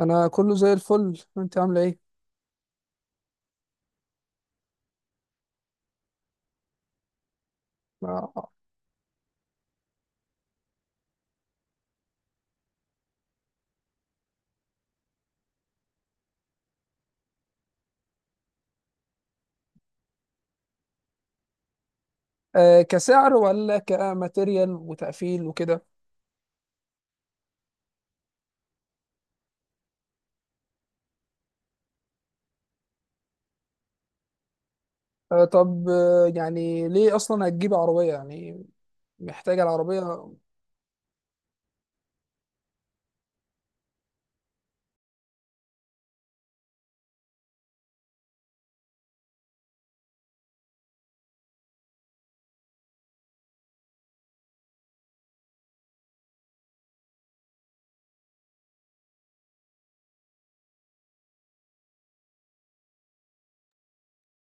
انا كله زي الفل، انت عامله ايه؟ آه. آه، كسعر ولا كماتيريال وتقفيل وكده؟ آه، طب، يعني ليه اصلا هتجيب عربيه؟ يعني، محتاجه العربيه؟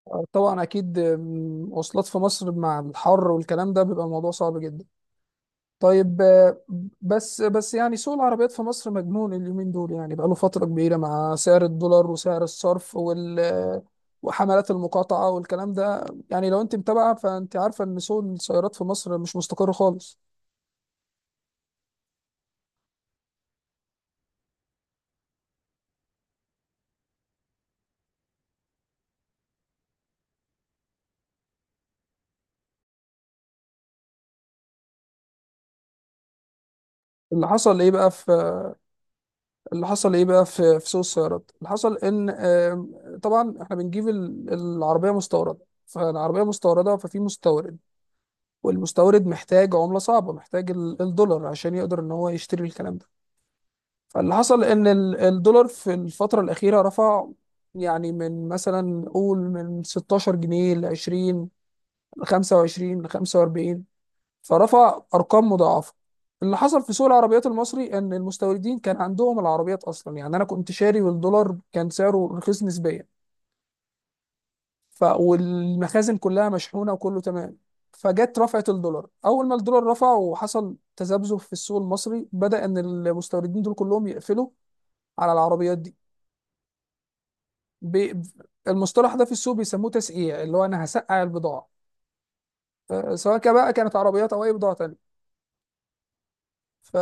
آه، طبعا اكيد. مواصلات في مصر مع الحر والكلام ده بيبقى الموضوع صعب جدا. طيب، آه، بس بس يعني سوق العربيات في مصر مجنون اليومين دول، يعني بقاله فترة كبيرة مع سعر الدولار وسعر الصرف وحملات المقاطعة والكلام ده. يعني لو انت متابعة، فانت عارفة ان سوق السيارات في مصر مش مستقر خالص. اللي حصل ايه بقى في اللي حصل ايه بقى في سوق السيارات؟ اللي حصل ان، طبعا احنا بنجيب العربية مستوردة. فالعربية مستوردة ففي مستورد، والمستورد محتاج عملة صعبة، محتاج الدولار عشان يقدر ان هو يشتري الكلام ده. فاللي حصل ان الدولار في الفترة الأخيرة رفع. يعني من مثلا قول من 16 جنيه ل 20 ل 25 ل 45، فرفع أرقام مضاعفة. اللي حصل في سوق العربيات المصري ان المستوردين كان عندهم العربيات اصلا، يعني انا كنت شاري والدولار كان سعره رخيص نسبيا. والمخازن كلها مشحونة وكله تمام. فجت رفعت الدولار، اول ما الدولار رفع وحصل تذبذب في السوق المصري، بدأ ان المستوردين دول كلهم يقفلوا على العربيات دي. بي المصطلح ده في السوق بيسموه تسقيع، اللي هو انا هسقع البضاعه، آه، سواء كان بقى كانت عربيات او اي بضاعه تانية. ف...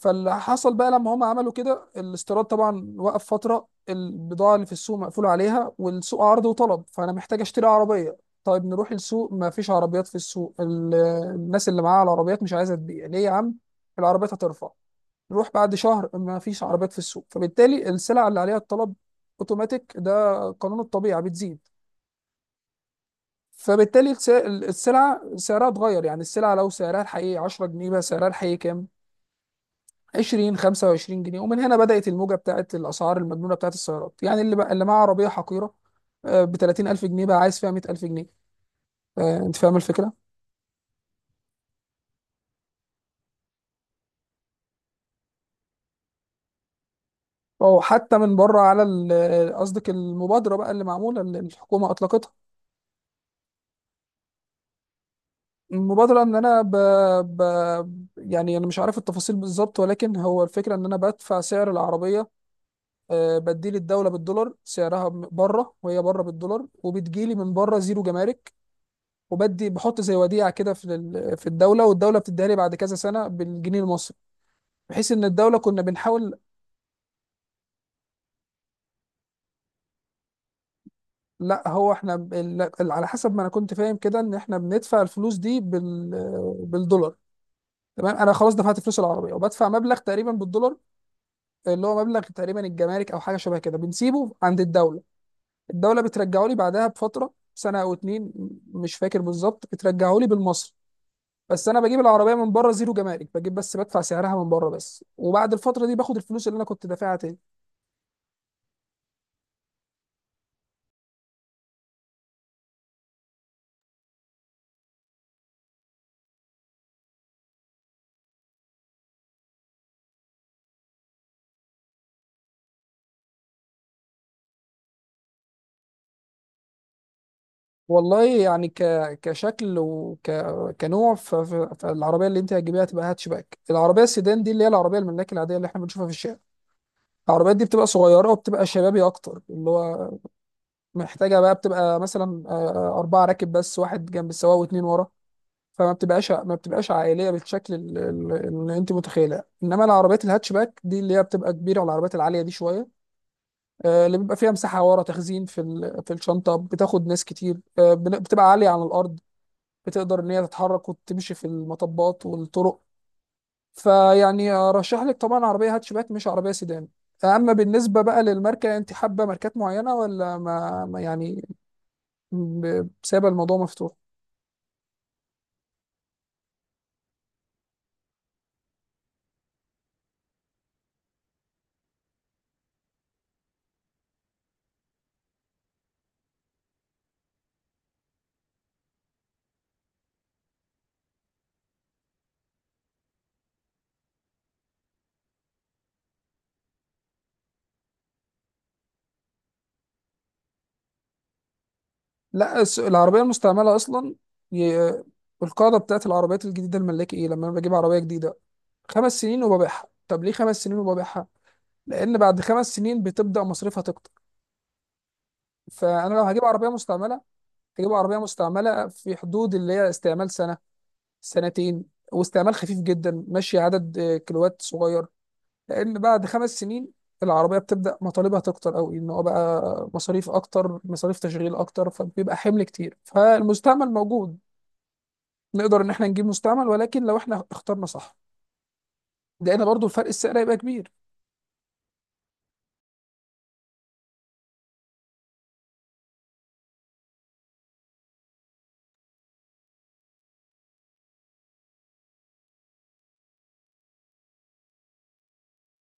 فاللي حصل بقى لما هم عملوا كده، الاستيراد طبعا وقف فتره، البضاعه اللي في السوق مقفول عليها، والسوق عرض وطلب، فانا محتاج اشتري عربيه. طيب نروح السوق، ما فيش عربيات في السوق. الناس اللي معاها العربيات مش عايزه تبيع. ليه يا عم؟ العربيات هترفع. نروح بعد شهر، ما فيش عربيات في السوق، فبالتالي السلع اللي عليها الطلب اوتوماتيك، ده قانون الطبيعه، بتزيد. فبالتالي السلعة سعرها اتغير. يعني السلعة لو سعرها الحقيقي 10 جنيه، بقى سعرها الحقيقي كام؟ 20، 25 جنيه. ومن هنا بدأت الموجة بتاعت الأسعار المجنونة بتاعت السيارات. يعني اللي بقى اللي معاه عربية حقيرة ب 30000 جنيه، بقى عايز فيها 100000 جنيه. أنت فاهم الفكرة؟ أو حتى من بره، على قصدك المبادرة بقى اللي معمولة، اللي الحكومة أطلقتها. المبادرة إن أنا ب... يعني أنا مش عارف التفاصيل بالظبط، ولكن هو الفكرة إن أنا بدفع سعر العربية، بديل الدولة بالدولار سعرها بره، وهي بره بالدولار، وبتجيلي من بره زيرو جمارك. وبدي بحط زي وديعة كده في الدولة، والدولة بتديها لي بعد كذا سنة بالجنيه المصري، بحيث ان الدولة كنا بنحاول. لا، هو احنا ب- ال- ال- على حسب ما انا كنت فاهم كده، ان احنا بندفع الفلوس دي بالدولار. تمام، انا خلاص دفعت فلوس العربية وبدفع مبلغ تقريبا بالدولار، اللي هو مبلغ تقريبا الجمارك او حاجة شبه كده، بنسيبه عند الدولة. الدوله بترجعه لي بعدها بفتره سنه او اتنين، مش فاكر بالظبط، بترجعه لي بالمصري. بس انا بجيب العربيه من بره زيرو جمارك، بجيب بس بدفع سعرها من بره بس، وبعد الفتره دي باخد الفلوس اللي انا كنت دافعها تاني. والله، يعني كشكل وك كنوع، فالعربيه اللي انت هتجيبيها تبقى هاتشباك. العربيه السيدان دي اللي هي العربيه الملاك العاديه اللي احنا بنشوفها في الشارع، العربيات دي بتبقى صغيره وبتبقى شبابي اكتر، اللي هو محتاجه بقى بتبقى مثلا اربعه راكب بس، واحد جنب السواق واتنين ورا. فما بتبقاش ما بتبقاش عائليه بالشكل اللي انت متخيله، انما العربيات الهاتشباك دي اللي هي بتبقى كبيره والعربيات العاليه دي شويه، اللي بيبقى فيها مساحه ورا تخزين في الشنطه، بتاخد ناس كتير، بتبقى عاليه عن الارض، بتقدر ان هي تتحرك وتمشي في المطبات والطرق. فيعني ارشح لك طبعا عربيه هاتشباك، مش عربيه سيدان. اما بالنسبه بقى للماركه، انت حابه ماركات معينه ولا ما ما يعني؟ سايبه الموضوع مفتوح؟ لا، العربية المستعملة أصلا، ي- القاعدة بتاعت العربيات الجديدة الملاكي إيه؟ لما أنا بجيب عربية جديدة، 5 سنين وببيعها. طب ليه 5 سنين وببيعها؟ لأن بعد 5 سنين بتبدأ مصاريفها تكتر. فأنا لو هجيب عربية مستعملة، هجيب عربية مستعملة في حدود اللي هي استعمال سنة، سنتين، واستعمال خفيف جدا، ماشي عدد كيلوات صغير. لأن بعد 5 سنين العربية بتبدأ مطالبها تكتر أوي، إن هو بقى مصاريف أكتر، مصاريف تشغيل أكتر، فبيبقى حمل كتير. فالمستعمل موجود، نقدر ان احنا نجيب مستعمل، ولكن لو احنا اخترنا صح، لان برضو الفرق السعر هيبقى كبير.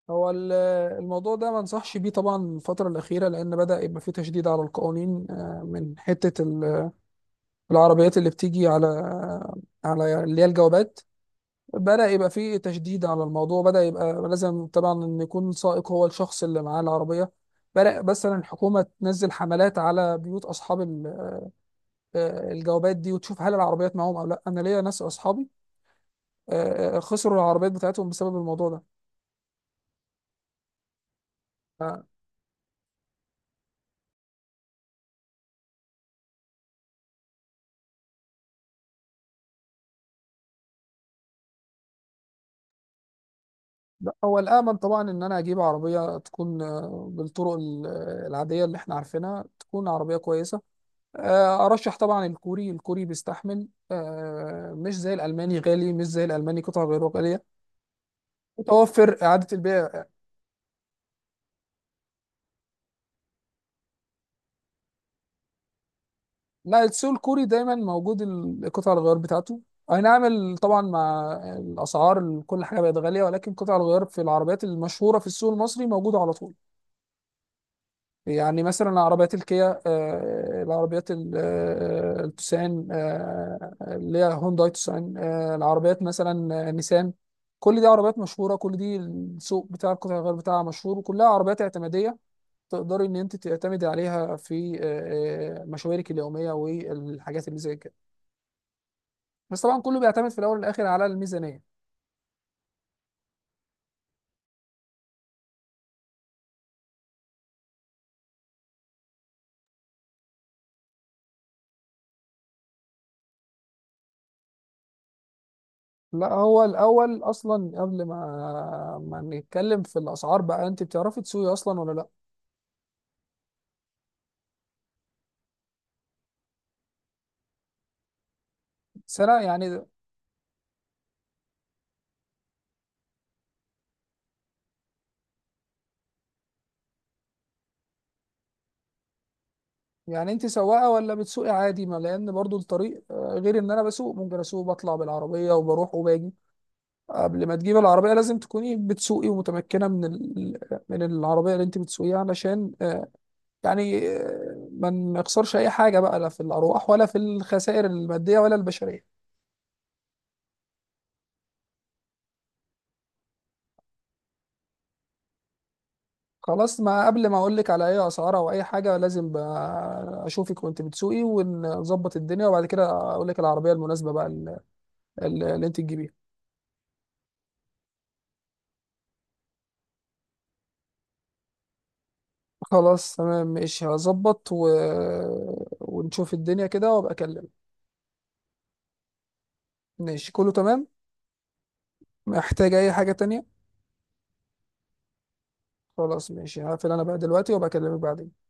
هو الموضوع ده ما انصحش بيه طبعا الفترة الأخيرة، لأن بدأ يبقى فيه تشديد على القوانين، من حتة العربيات اللي بتيجي على اللي هي الجوابات. بدأ يبقى فيه تشديد على الموضوع، بدأ يبقى لازم طبعا إن يكون سائق هو الشخص اللي معاه العربية. بدأ مثلا الحكومة تنزل حملات على بيوت أصحاب الجوابات دي، وتشوف هل العربيات معاهم أو لا. أنا ليا ناس أصحابي خسروا العربيات بتاعتهم بسبب الموضوع ده. لا، هو الامن طبعا ان انا اجيب عربيه تكون بالطرق العاديه اللي احنا عارفينها، تكون عربيه كويسه. ارشح طبعا الكوري. الكوري بيستحمل، مش زي الالماني غالي، مش زي الالماني قطع غيره غاليه. متوفر اعاده البيع. لا، السوق الكوري دايما موجود، قطع الغيار بتاعته. اي نعم، طبعا مع الاسعار، كل حاجه بقت غاليه، ولكن قطع الغيار في العربيات المشهوره في السوق المصري موجوده على طول. يعني مثلا العربيات الكيا، العربيات التوسان، اللي هي هونداي توسان، العربيات مثلا نيسان. كل دي عربيات مشهورة، كل دي السوق بتاع القطع الغيار بتاعها مشهور، وكلها عربيات اعتمادية. تقدري ان انت تعتمدي عليها في مشاويرك اليومية والحاجات اللي زي كده. بس طبعا كله بيعتمد في الاول والاخر على الميزانية. لا، هو الاول اصلا قبل ما ما نتكلم في الاسعار بقى، انت بتعرفي تسوقي اصلا ولا لا؟ بس انا يعني، يعني انت سواقه ولا بتسوقي عادي؟ ما لان برضو الطريق غير، ان انا بسوق ممكن اسوق بطلع بالعربيه وبروح وباجي. قبل ما تجيب العربيه لازم تكوني بتسوقي ومتمكنه من العربيه اللي انت بتسوقيها، علشان يعني ما نخسرش اي حاجه بقى، لا في الارواح ولا في الخسائر الماديه ولا البشريه. خلاص، ما قبل ما اقول لك على اي اسعار او اي حاجه، لازم اشوفك وانت بتسوقي ونظبط الدنيا، وبعد كده اقول لك العربيه المناسبه بقى اللي انت تجيبيها. خلاص تمام ماشي، هظبط ونشوف الدنيا كده وابقى اكلمك. ماشي، كله تمام. محتاج اي حاجة تانية؟ خلاص ماشي، هقفل انا بقى دلوقتي وابقى اكلمك بعدين.